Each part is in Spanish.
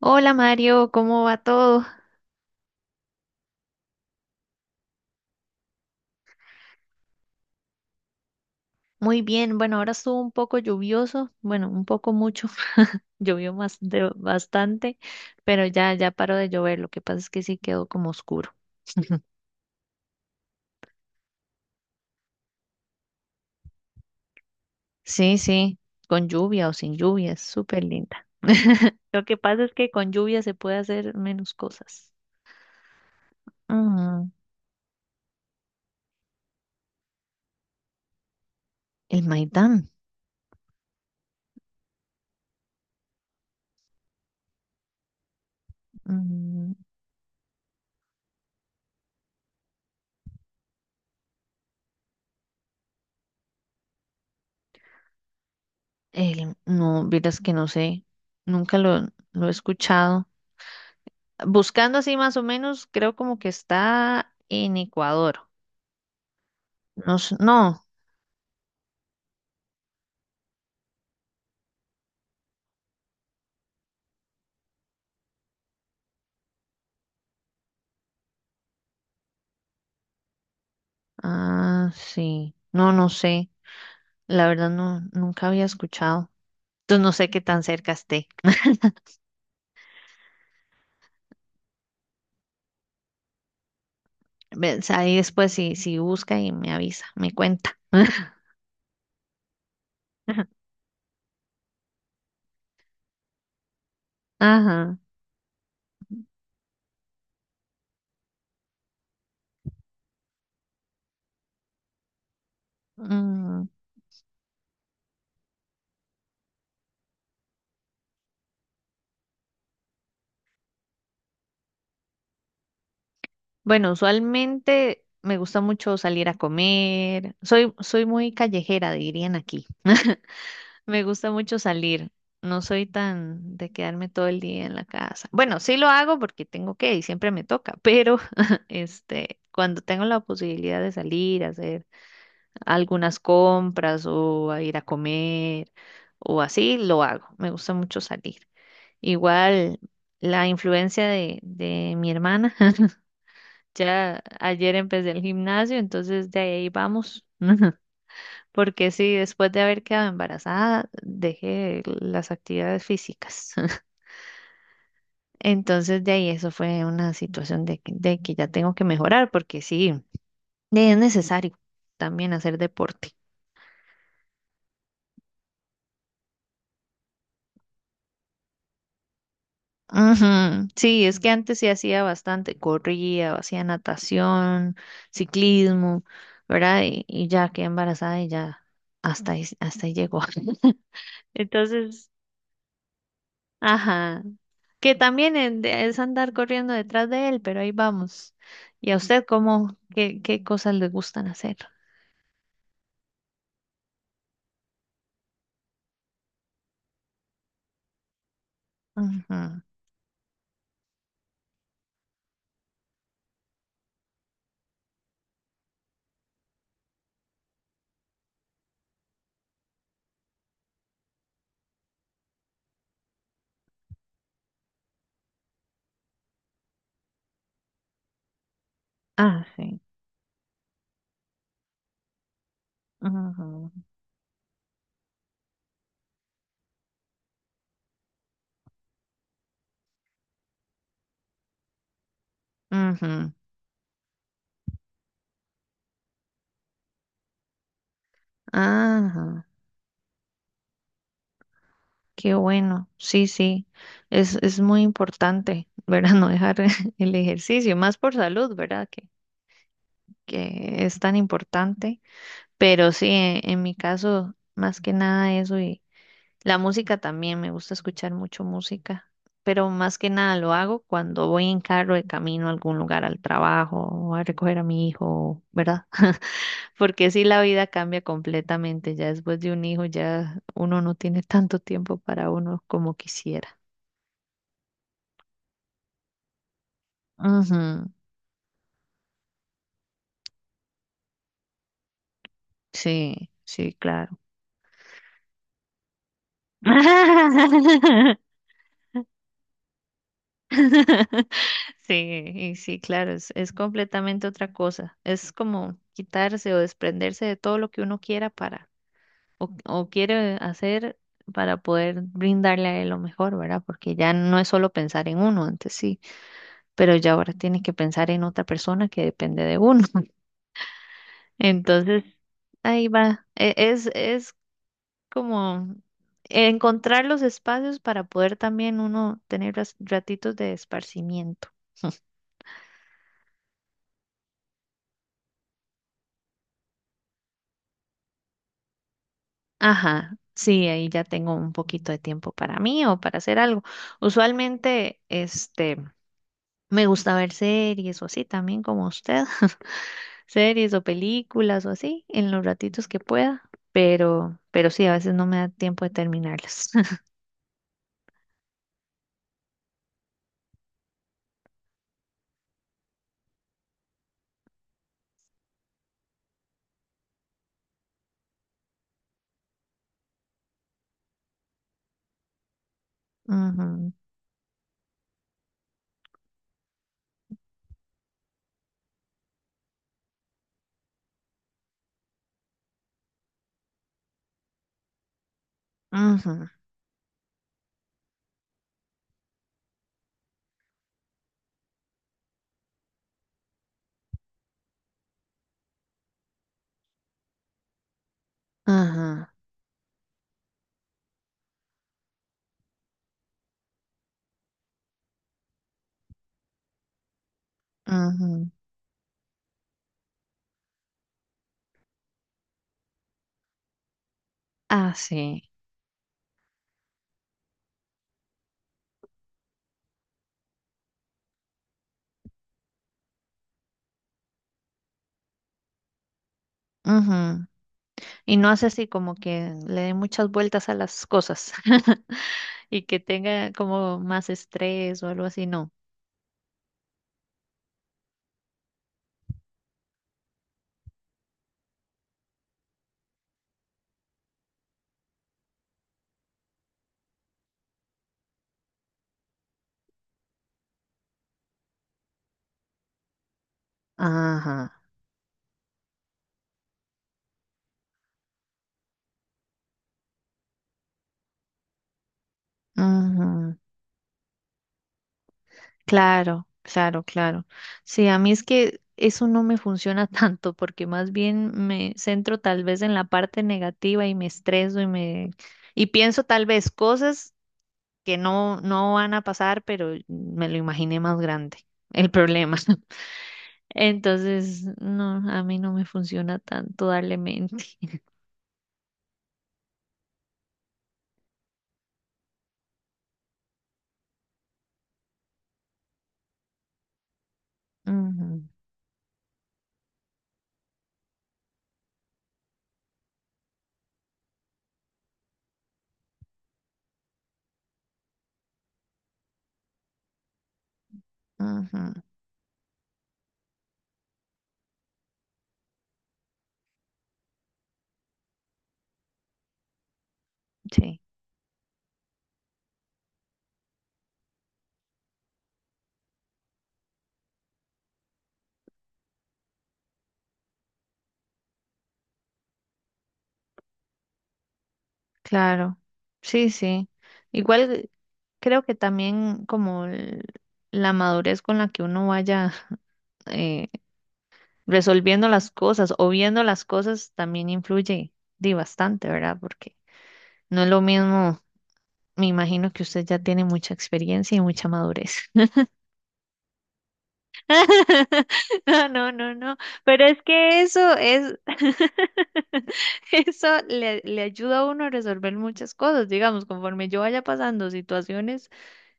Hola Mario, ¿cómo va todo? Muy bien, bueno, ahora estuvo un poco lluvioso, bueno, un poco mucho, llovió más de bastante, pero ya paró de llover, lo que pasa es que sí quedó como oscuro. Sí, sí, con lluvia o sin lluvia, es súper linda. Lo que pasa es que con lluvia se puede hacer menos cosas. Ujú. El Maidán, mm, el no, vieras que no sé, nunca lo he escuchado. Buscando así más o menos, creo como que está en Ecuador. No, no. Ah, sí. No, no sé. La verdad no, nunca había escuchado. Entonces no sé qué tan cerca esté. Ves, ahí después si, si busca y me avisa, me cuenta. Ajá. Mm, bueno, usualmente me gusta mucho salir a comer. Soy muy callejera, dirían aquí. Me gusta mucho salir. No soy tan de quedarme todo el día en la casa. Bueno, sí lo hago porque tengo que y siempre me toca, pero este, cuando tengo la posibilidad de salir a hacer algunas compras o a ir a comer o así, lo hago. Me gusta mucho salir. Igual la influencia de mi hermana. Ya ayer empecé el gimnasio, entonces de ahí vamos. Porque sí, después de haber quedado embarazada, dejé las actividades físicas. Entonces, de ahí eso fue una situación de, de que ya tengo que mejorar, porque sí, es necesario también hacer deporte. Ujú. Sí, es que antes sí hacía bastante, corría, hacía natación, ciclismo, ¿verdad? Y ya quedé embarazada y ya hasta ahí llegó. Entonces, ajá. Que también es andar corriendo detrás de él, pero ahí vamos. ¿Y a usted cómo, qué cosas le gustan hacer? Ajá. Ah, sí. Ajá. Ajá. Ajá. Qué bueno. Sí, sí. Es muy importante, ¿verdad? No dejar el ejercicio, más por salud, ¿verdad? Que es tan importante. Pero sí, en mi caso, más que nada eso. La música también, me gusta escuchar mucho música, pero más que nada lo hago cuando voy en carro de camino a algún lugar, al trabajo, o a recoger a mi hijo, ¿verdad? Porque sí, la vida cambia completamente. Ya después de un hijo, ya uno no tiene tanto tiempo para uno como quisiera. Ujú. Sí, sí, claro. Sí, y sí, claro, es completamente otra cosa. Es como quitarse o desprenderse de todo lo que uno quiera para o quiere hacer para poder brindarle a él lo mejor, ¿verdad? Porque ya no es solo pensar en uno, antes sí, pero ya ahora tienes que pensar en otra persona que depende de uno. Entonces, ahí va. Es como encontrar los espacios para poder también uno tener ratitos de esparcimiento. Ajá. Sí, ahí ya tengo un poquito de tiempo para mí o para hacer algo. Usualmente, me gusta ver series o así también como usted. Series o películas o así en los ratitos que pueda, pero sí, a veces no me da tiempo de terminarlas. Ujú, ujú, ujú, ujú. Ah, sí. Ujú. Y no hace así como que le dé muchas vueltas a las cosas y que tenga como más estrés o algo así, no. Ajá. Ujú. Claro, claro, claro. Sí, a mí es que eso no me funciona tanto porque más bien me centro tal vez en la parte negativa y me estreso y pienso tal vez cosas que no van a pasar, pero me lo imaginé más grande el problema. Entonces, no, a mí no me funciona tanto darle mente. Ujú, ujú, sí, claro. Sí, sí. Igual creo que también la madurez con la que uno vaya eh, resolviendo las cosas o viendo las cosas también influye di, bastante, ¿verdad? Porque no es lo mismo, me imagino que usted ya tiene mucha experiencia y mucha madurez. No, no, no, no, pero es que eso es, eso le ayuda a uno a resolver muchas cosas, digamos, conforme yo vaya pasando situaciones,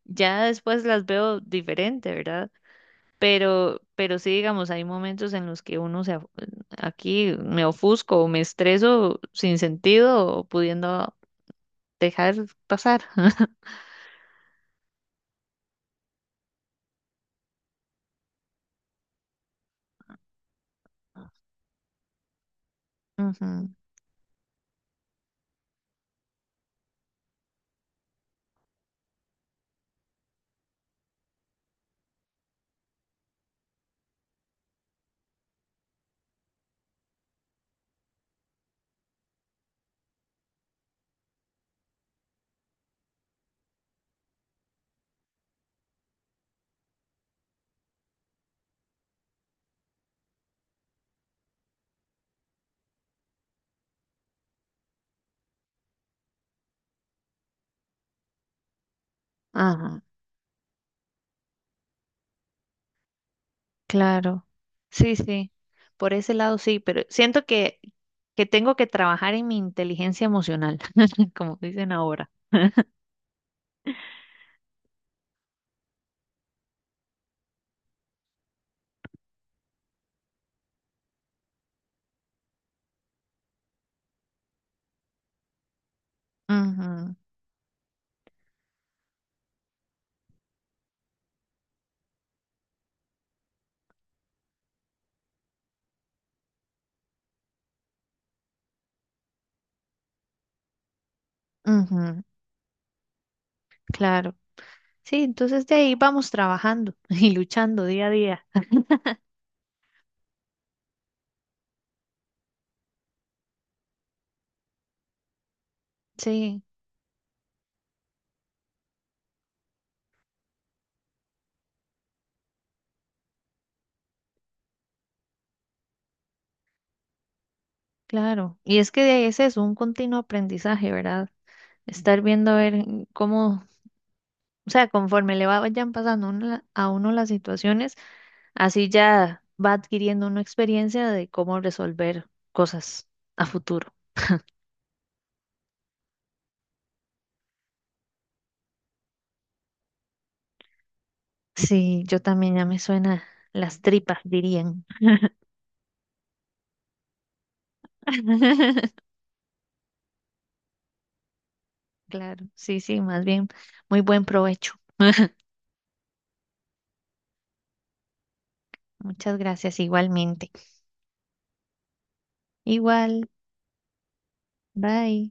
ya después las veo diferente, ¿verdad? Pero sí, digamos, hay momentos en los que uno se, aquí me ofusco o me estreso sin sentido o pudiendo dejar pasar. Ujú, ajá, claro. Sí, sí. Por ese lado sí, pero siento que tengo que trabajar en mi inteligencia emocional, como dicen ahora. Ujú, ujú, claro. Sí, entonces de ahí vamos trabajando y luchando día a día. Sí. Claro, y es que ese es un continuo aprendizaje, ¿verdad? Estar viendo a ver cómo, o sea, conforme le vayan pasando uno a uno las situaciones, así ya va adquiriendo una experiencia de cómo resolver cosas a futuro. Sí, yo también ya me suena las tripas, dirían. Claro, sí, sí, más bien, muy buen provecho. Muchas gracias igualmente. Igual, bye.